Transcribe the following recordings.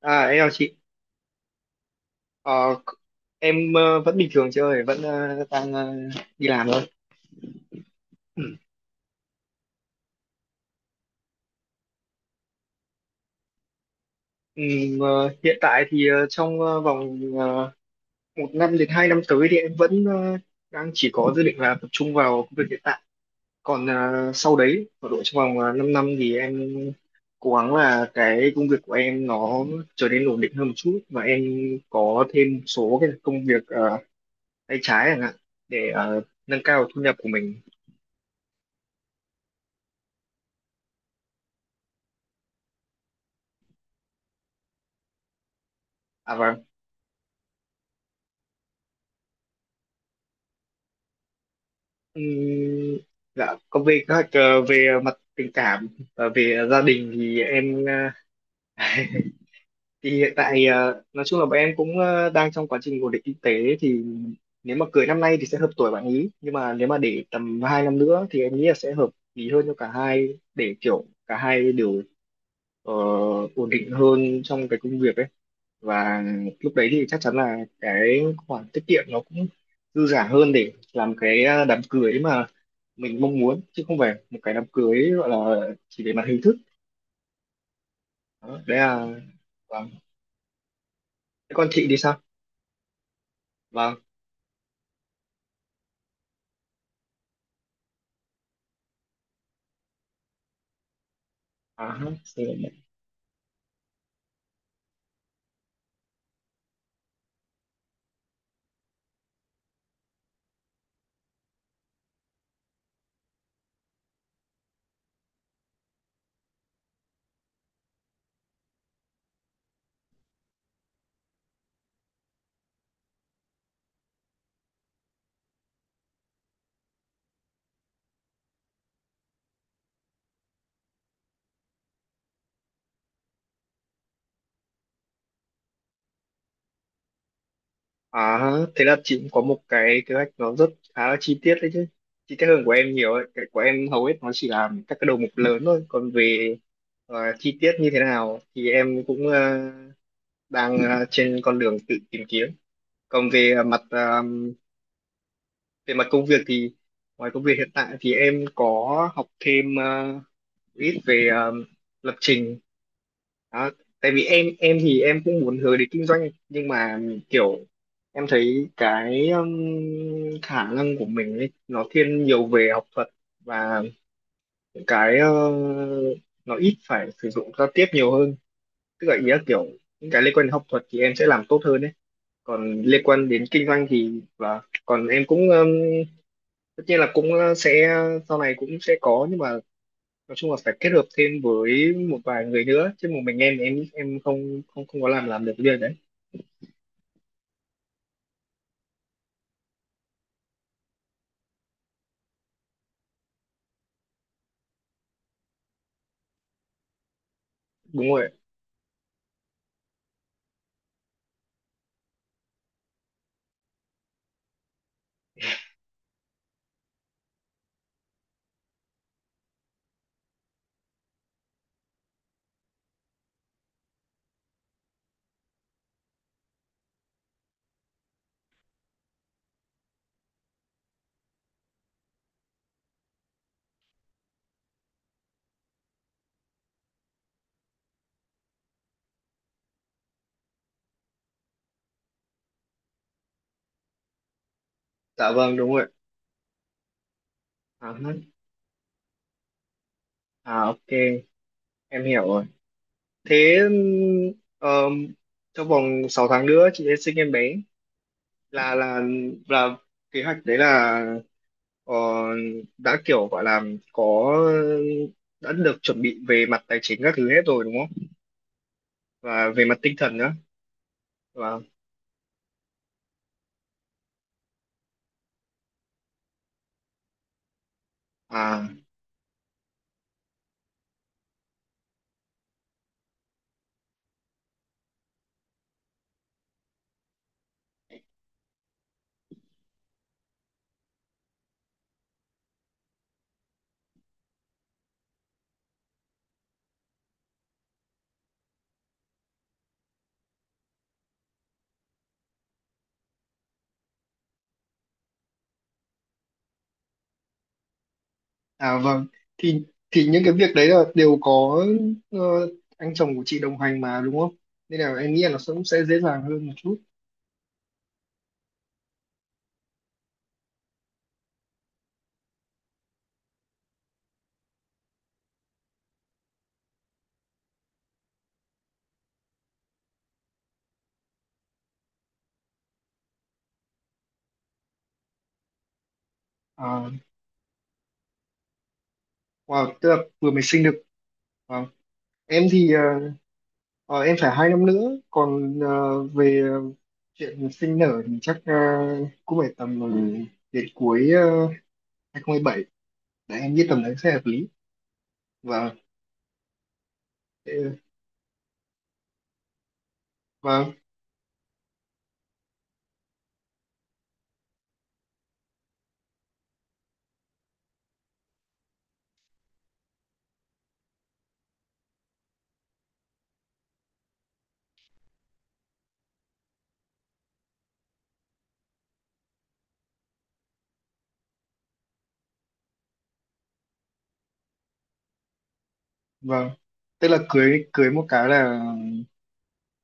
À em chào chị. Ờ, em vẫn bình thường chị ơi, vẫn đi làm thôi. Ờ, Hiện tại thì trong vòng một năm đến hai năm tới thì em vẫn đang chỉ có dự định là tập trung vào công việc hiện tại. Còn sau đấy ở độ trong vòng 5 năm thì em cố gắng là cái công việc của em nó trở nên ổn định hơn một chút, và em có thêm một số cái công việc tay trái chẳng hạn, để nâng cao thu nhập của mình. À, và. Ừm, dạ, còn về về mặt tình cảm và về gia đình thì em thì hiện tại nói chung là bọn em cũng đang trong quá trình ổn định kinh tế. Thì nếu mà cưới năm nay thì sẽ hợp tuổi bạn ý, nhưng mà nếu mà để tầm 2 năm nữa thì em nghĩ là sẽ hợp lý hơn cho cả hai, để kiểu cả hai đều ờ, ổn định hơn trong cái công việc ấy. Và lúc đấy thì chắc chắn là cái khoản tiết kiệm nó cũng dư giả hơn, để làm cái đám cưới mà mình mong muốn, chứ không phải một cái đám cưới gọi là chỉ về mặt hình thức. Đó, đấy là. Vâng. Thế con chị thì sao? Vâng. À ha, xin lỗi mẹ. À ha, thế là chị cũng có một cái kế hoạch nó rất khá là chi tiết đấy chứ, chi tiết hơn của em nhiều ấy. Cái của em hầu hết nó chỉ là các cái đầu mục lớn thôi. Còn về chi tiết như thế nào thì em cũng trên con đường tự tìm kiếm. Còn về về mặt công việc thì ngoài công việc hiện tại thì em có học thêm ít về lập trình. Đó. Tại vì em thì em cũng muốn hướng đến kinh doanh, nhưng mà kiểu em thấy cái khả năng của mình ấy, nó thiên nhiều về học thuật và những cái nó ít phải sử dụng giao tiếp nhiều hơn, tức là ý là kiểu những cái liên quan đến học thuật thì em sẽ làm tốt hơn đấy, còn liên quan đến kinh doanh thì. Và còn em cũng tất nhiên là cũng sẽ sau này cũng sẽ có, nhưng mà nói chung là phải kết hợp thêm với một vài người nữa, chứ một mình em không không không có làm được cái việc đấy. Đúng rồi. Dạ vâng, đúng rồi. À hả. À ok, em hiểu rồi. Thế um, trong vòng 6 tháng nữa chị sẽ sinh em bé. Là là là kế hoạch đấy, là ờ, đã kiểu gọi là có, đã được chuẩn bị về mặt tài chính các thứ hết rồi đúng không? Và về mặt tinh thần nữa. Và à. À vâng, thì những cái việc đấy là đều có ờ, anh chồng của chị đồng hành mà đúng không? Nên là em nghĩ là nó cũng sẽ dễ dàng hơn một chút. À, wow, tức là vừa mới sinh được. Vâng. Em thì ờ, ờ, em phải hai năm nữa. Còn chuyện sinh nở thì chắc cũng phải tầm đến cuối uh, 2027. Đấy em nghĩ tầm đấy sẽ hợp lý. Vâng. Ờ, vâng, vâng. Tức là cưới cưới một cái là.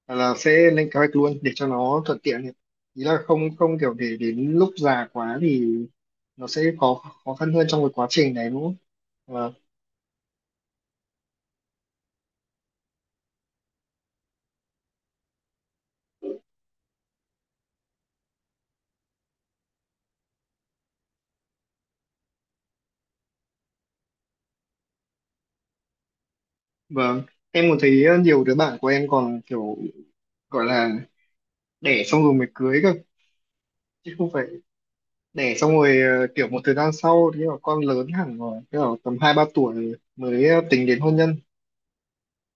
Hoặc là sẽ lên kế hoạch luôn để cho nó thuận tiện ấy. Ý là không không kiểu để đến lúc già quá thì nó sẽ khó khó khăn hơn trong cái quá trình này đúng không? Vâng, vâng. Em còn thấy nhiều đứa bạn của em còn kiểu gọi là đẻ xong rồi mới cưới cơ, chứ không phải đẻ xong rồi kiểu một thời gian sau thì là con lớn hẳn rồi, tức là tầm hai ba tuổi mới tính đến hôn nhân,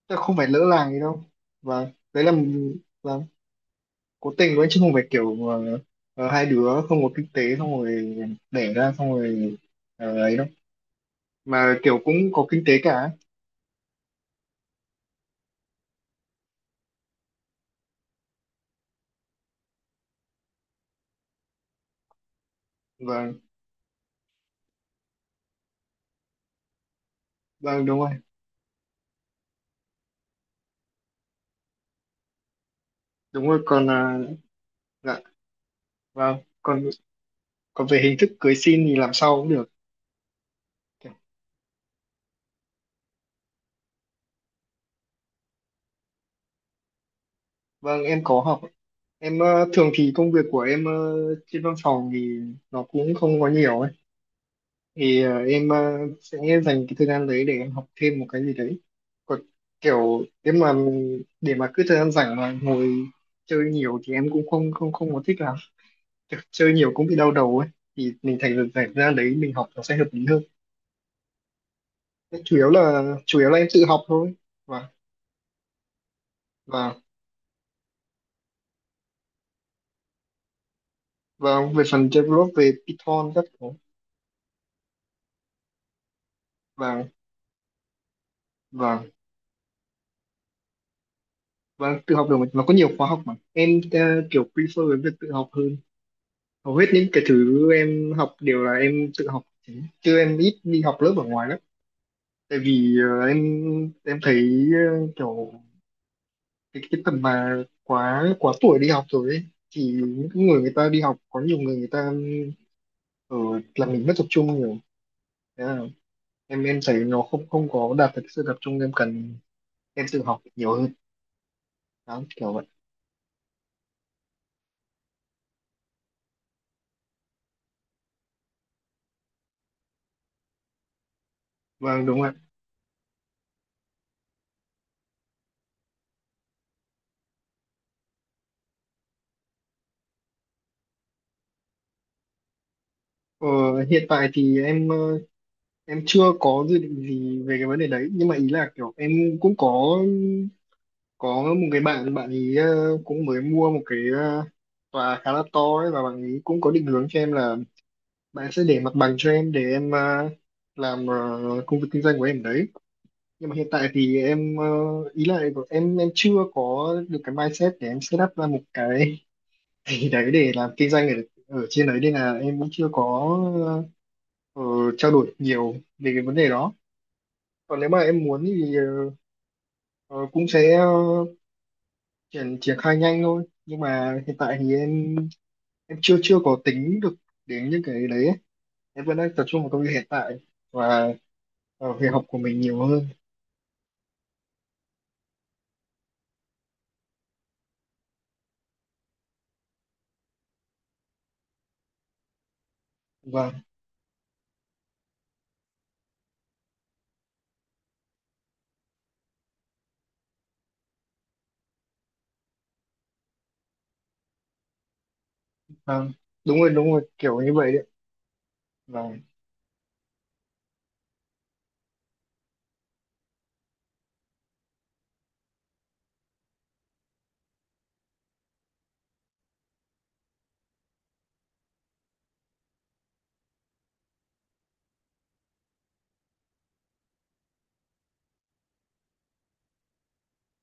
chứ không phải lỡ làng gì đâu. Vâng, đấy là. Vâng, cố tình đấy chứ không phải kiểu hai đứa không có kinh tế xong rồi đẻ ra xong rồi ấy đâu, mà kiểu cũng có kinh tế cả. Vâng, vâng, đúng rồi, đúng rồi, còn à. Dạ vâng, còn còn về hình thức cưới xin thì làm sau cũng được. Vâng, em có học. Em thường thì công việc của em trên văn phòng thì nó cũng không có nhiều ấy, thì sẽ dành cái thời gian đấy để em học thêm một cái gì đấy. Còn kiểu nếu mà để mà cứ thời gian rảnh mà ngồi chơi nhiều thì em cũng không không không có thích lắm. Kiểu chơi nhiều cũng bị đau đầu ấy, thì mình thành ra rảnh ra đấy mình học nó sẽ hợp lý hơn. Thế chủ yếu là em tự học thôi. Và và và về phần develop, về Python các thứ. Và và và tự học được mà. Nó có nhiều khóa học mà em kiểu prefer với việc tự học hơn. Hầu hết những cái thứ em học đều là em tự học, chứ em ít đi học lớp ở ngoài lắm. Tại vì em thấy kiểu cái tầm mà quá quá tuổi đi học rồi ấy, thì những cái người người ta đi học có nhiều người người ta ở làm mình mất tập trung nhiều. Thế là em thấy nó không không có đạt được sự tập trung em cần, em tự học nhiều hơn, đó kiểu vậy. Vâng đúng ạ. ờ, Hiện tại thì em chưa có dự định gì về cái vấn đề đấy, nhưng mà ý là kiểu em cũng có một cái bạn bạn ý cũng mới mua một cái tòa khá là to ấy, và bạn ý cũng có định hướng cho em là bạn sẽ để mặt bằng cho em để em làm công việc kinh doanh của em đấy. Nhưng mà hiện tại thì em ý là em chưa có được cái mindset để em set up ra một cái gì đấy để làm kinh doanh ở ở trên đấy, nên là em cũng chưa có ờ, trao đổi nhiều về cái vấn đề đó. Còn nếu mà em muốn thì ờ, cũng sẽ triển triển khai nhanh thôi, nhưng mà hiện tại thì em chưa chưa có tính được đến những cái đấy ấy. Em vẫn đang tập trung vào công việc hiện tại và vào việc học của mình nhiều hơn. Vâng, vâng, đúng rồi, đúng rồi, kiểu như vậy đấy. Vâng.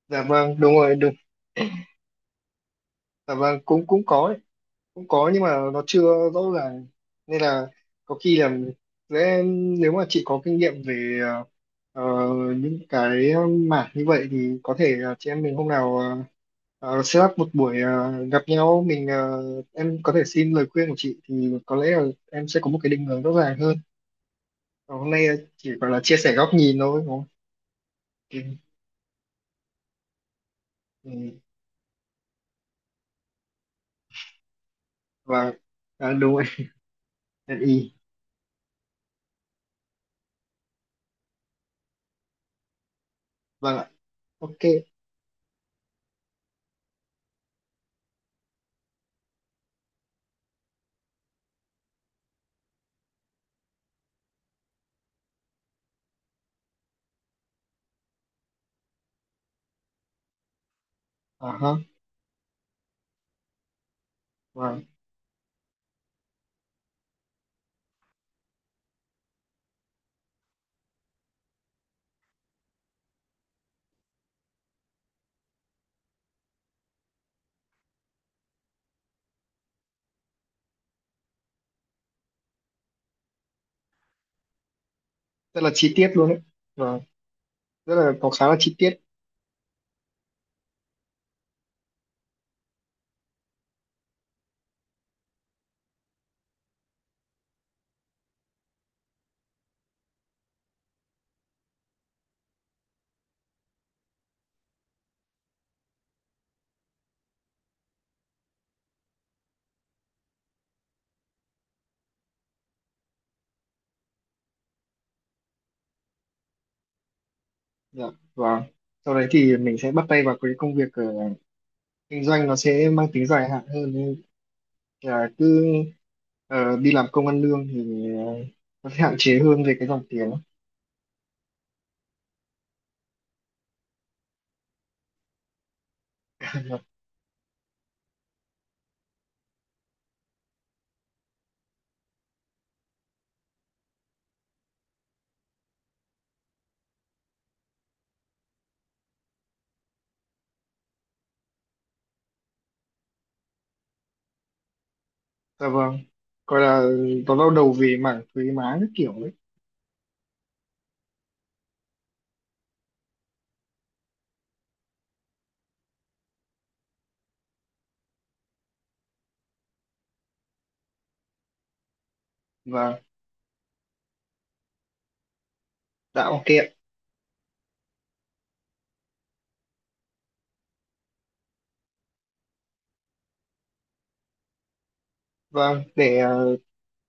Dạ vâng, đúng rồi, đúng. Dạ vâng, cũng cũng có ấy. Cũng có nhưng mà nó chưa rõ ràng, nên là có khi là sẽ. Nếu mà chị có kinh nghiệm về ờ, những cái mảng như vậy thì có thể là chị em mình hôm nào set up một buổi gặp nhau, mình em có thể xin lời khuyên của chị thì có lẽ là em sẽ có một cái định hướng rõ ràng hơn. Còn hôm nay chỉ gọi là chia sẻ góc nhìn thôi đúng không? Ừ. Ừ, và à, đúng rồi. Nhân ý. Vâng ạ. Ok. À ha. Vâng, rất là chi tiết luôn đấy. Vâng, rất là có khá là chi tiết. Dạ vâng, sau đấy thì mình sẽ bắt tay vào cái công việc kinh doanh, nó sẽ mang tính dài hạn hơn, nên là cứ đi làm công ăn lương thì nó sẽ hạn chế hơn về cái dòng tiền. Dạ vâng, gọi là nó đau đầu về mảng thuế má các kiểu ấy. Và tạo kiện. Vâng, để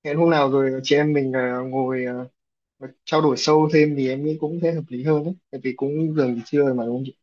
hẹn hôm nào rồi chị em mình trao đổi sâu thêm thì em nghĩ cũng sẽ hợp lý hơn đấy, tại vì cũng gần trưa rồi mà đúng không chị?